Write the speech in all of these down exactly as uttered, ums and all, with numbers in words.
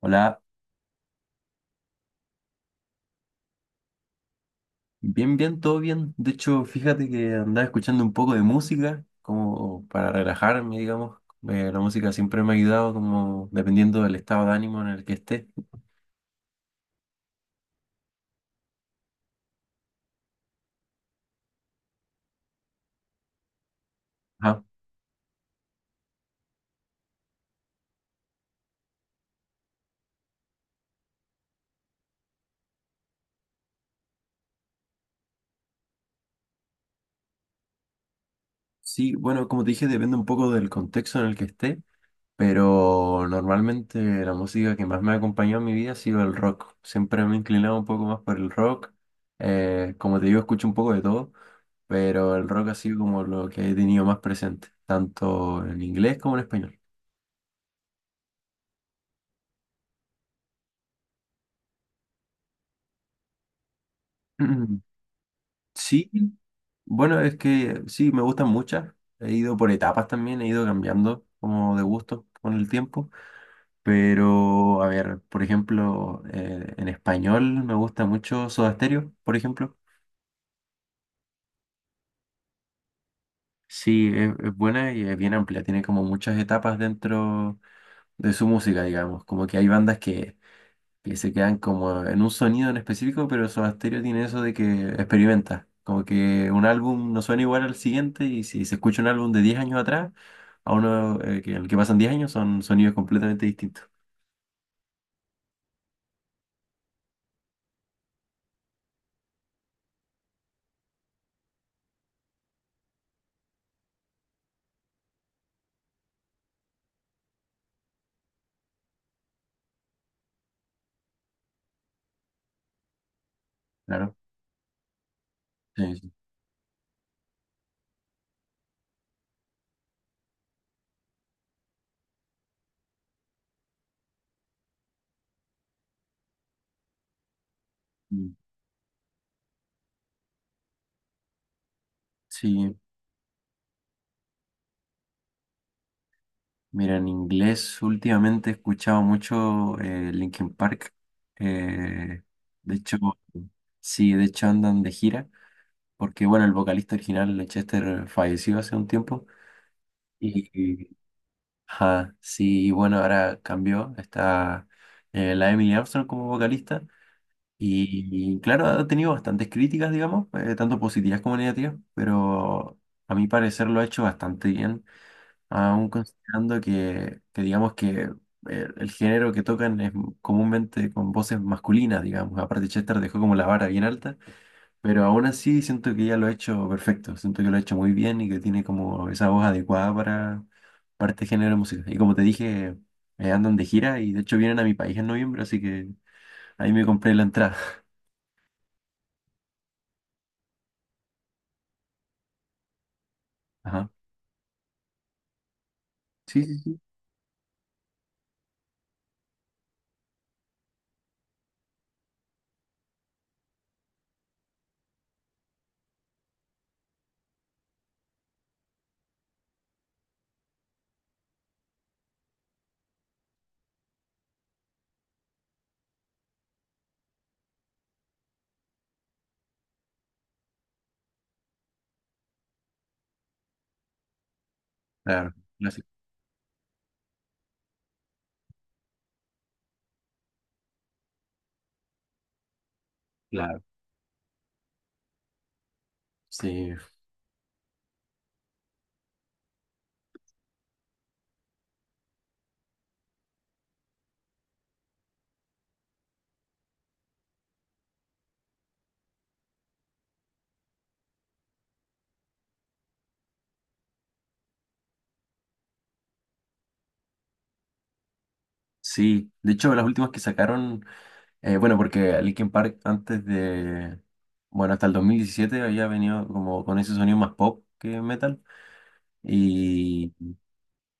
Hola, bien, bien, todo bien. De hecho, fíjate que andaba escuchando un poco de música, como para relajarme, digamos. Eh, la música siempre me ha ayudado, como dependiendo del estado de ánimo en el que esté. Ajá. Sí, bueno, como te dije, depende un poco del contexto en el que esté, pero normalmente la música que más me ha acompañado en mi vida ha sido el rock. Siempre me he inclinado un poco más por el rock. Eh, como te digo, escucho un poco de todo, pero el rock ha sido como lo que he tenido más presente, tanto en inglés como en español. Mm, sí, bueno, es que sí, me gustan muchas. He ido por etapas también, he ido cambiando como de gusto con el tiempo. Pero, a ver, por ejemplo, eh, en español me gusta mucho Soda Stereo, por ejemplo. Sí, es, es buena y es bien amplia, tiene como muchas etapas dentro de su música, digamos. Como que hay bandas que que se quedan como en un sonido en específico, pero Soda Stereo tiene eso de que experimenta. Como que un álbum no suena igual al siguiente y si se escucha un álbum de diez años atrás, a uno eh, que, el que pasan diez años son sonidos completamente distintos. Claro. Sí, sí. Mm. Sí, mira, en inglés últimamente he escuchado mucho eh, Linkin Park. Eh, de hecho, sí, de hecho andan de gira, porque bueno, el vocalista original, Chester, falleció hace un tiempo. y Ajá, sí, y bueno, ahora cambió, está eh, la Emily Armstrong como vocalista y, y claro, ha tenido bastantes críticas, digamos, eh, tanto positivas como negativas, pero a mi parecer lo ha hecho bastante bien, aún considerando que, que digamos que eh, el género que tocan es comúnmente con voces masculinas, digamos, aparte Chester dejó como la vara bien alta. Pero aún así siento que ya lo ha hecho perfecto, siento que lo ha hecho muy bien y que tiene como esa voz adecuada para, para este género de música. Y como te dije, eh, andan de gira y de hecho vienen a mi país en noviembre, así que ahí me compré la entrada. Ajá. Sí, sí, sí. Claro, clásico. Claro. Sí, sí. De hecho, las últimas que sacaron, eh, bueno, porque Linkin Park antes de, bueno, hasta el dos mil diecisiete había venido como con ese sonido más pop que metal.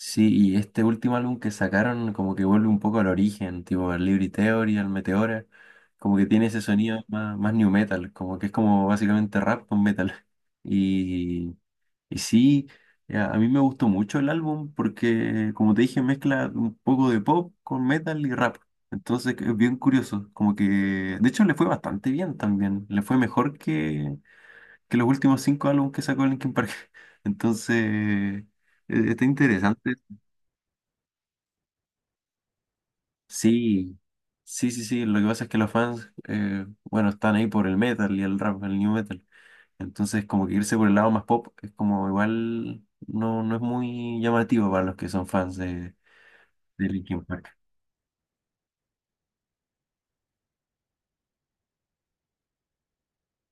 Sí, y este último álbum que sacaron como que vuelve un poco al origen, tipo al Liberty Theory, al Meteora, como que tiene ese sonido más, más new metal, como que es como básicamente rap con metal. Y, y sí, ya, a mí me gustó mucho el álbum porque, como te dije, mezcla un poco de pop con metal y rap. Entonces es bien curioso, como que, de hecho le fue bastante bien también, le fue mejor que, que los últimos cinco álbumes que sacó Linkin Park. Entonces... Eh, está interesante. Sí, sí, sí, sí. Lo que pasa es que los fans, eh, bueno, están ahí por el metal y el rap, el new metal. Entonces, como que irse por el lado más pop es como igual no, no es muy llamativo para los que son fans de, de Linkin Park.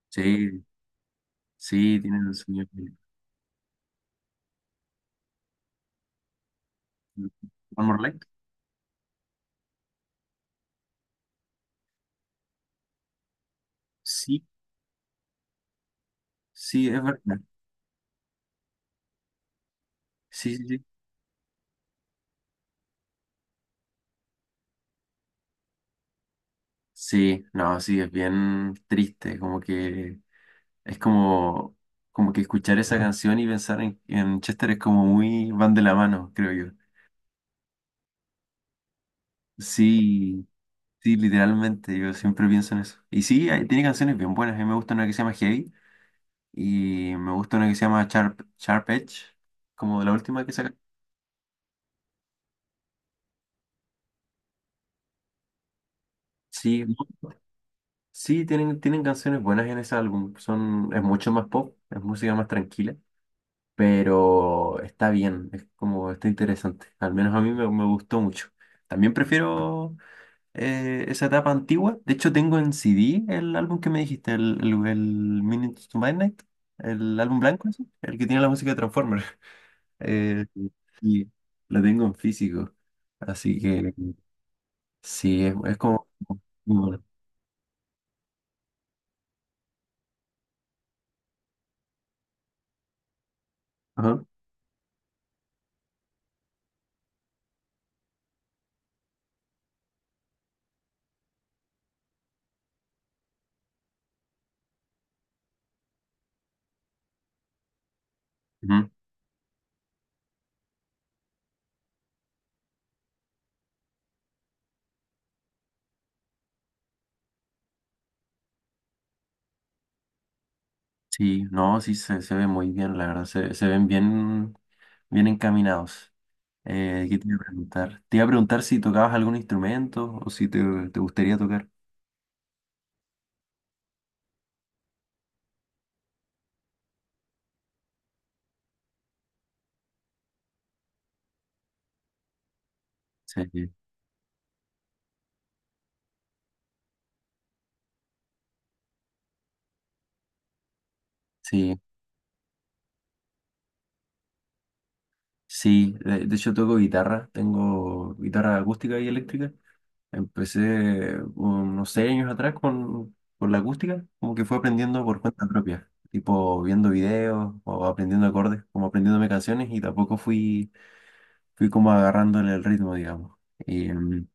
Sí, sí, tienen el sueño. One More Light. Sí, sí, es verdad. Sí, sí, sí. Sí, no, sí, es bien triste. Como que es como, como que escuchar esa canción y pensar en, en Chester es como muy van de la mano, creo yo. Sí, sí, literalmente, yo siempre pienso en eso. Y sí, hay- tiene canciones bien buenas. A mí me gusta una que se llama Heavy y me gusta una que se llama Sharp, Sharp Edge, como la última que saca. Sí, ¿no? Sí, tienen, tienen canciones buenas en ese álbum. Son, es mucho más pop, es música más tranquila, pero está bien, es como, está interesante. Al menos a mí me, me gustó mucho. También prefiero eh, esa etapa antigua. De hecho, tengo en C D el álbum que me dijiste, el, el, el Minutes to Midnight, el álbum blanco, ese, el que tiene la música de Transformers. Eh, y la tengo en físico. Así que sí, es, es como muy bueno. Ajá. Ujú. Sí, no, sí se, se ve muy bien, la verdad. Se, se ven bien, bien encaminados. Eh, ¿qué te iba a preguntar? Te iba a preguntar si tocabas algún instrumento o si te, te gustaría tocar. Sí, sí, sí, de, de hecho toco guitarra, tengo guitarra acústica y eléctrica. Empecé unos seis años atrás con, con la acústica, como que fue aprendiendo por cuenta propia, tipo viendo videos o aprendiendo acordes, como aprendiéndome canciones y tampoco fui, fui como agarrándole el ritmo, digamos. Y, mm,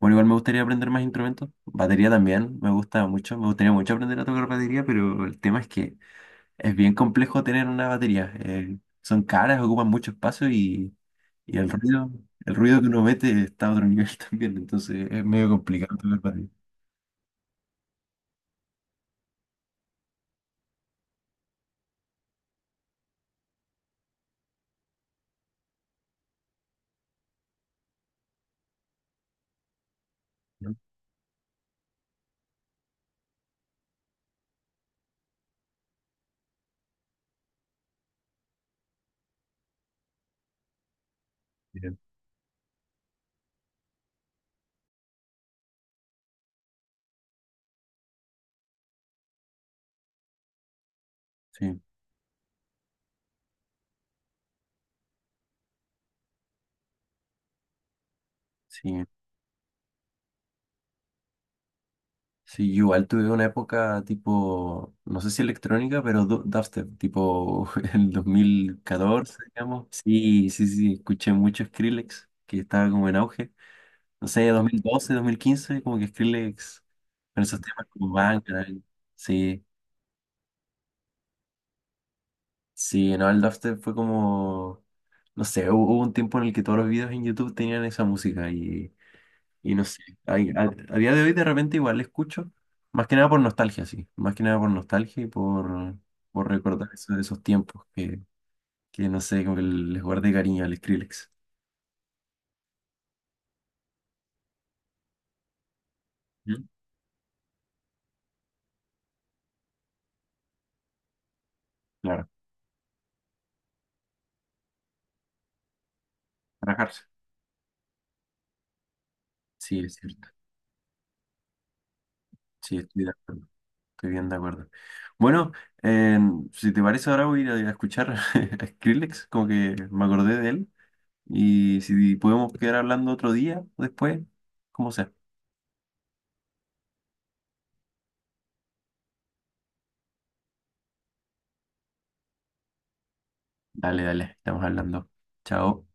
bueno, igual me gustaría aprender más instrumentos, batería también, me gusta mucho, me gustaría mucho aprender a tocar batería, pero el tema es que es bien complejo tener una batería, eh, son caras, ocupan mucho espacio y... Y el ruido, el ruido que uno mete está a otro nivel también, entonces es medio complicado tocar batería. ¿No? Bien. Sí, sí. Sí, yo igual tuve una época tipo, no sé si electrónica, pero du- dubstep, tipo el dos mil catorce digamos. Sí, sí, sí, escuché mucho Skrillex, que estaba como en auge. No sé, dos dos mil doce dos mil quince como que Skrillex, con esos temas como Bang, sí, sí, no, el dubstep fue como, no sé, hu- hubo un tiempo en el que todos los videos en YouTube tenían esa música y, y no sé, hay- a, a día de hoy de repente igual la escucho, más que nada por nostalgia, sí, más que nada por nostalgia y por, por recordar eso, esos tiempos que, que no sé, como que les guardé cariño al Skrillex. ¿Mm? Claro, relajarse. Sí, es cierto, sí, estoy de acuerdo, estoy bien de acuerdo. Bueno, eh, si te parece ahora voy a ir a escuchar a Skrillex, como que me acordé de él. Y si podemos quedar hablando otro día, después, como sea. Dale, dale, estamos hablando. Chao.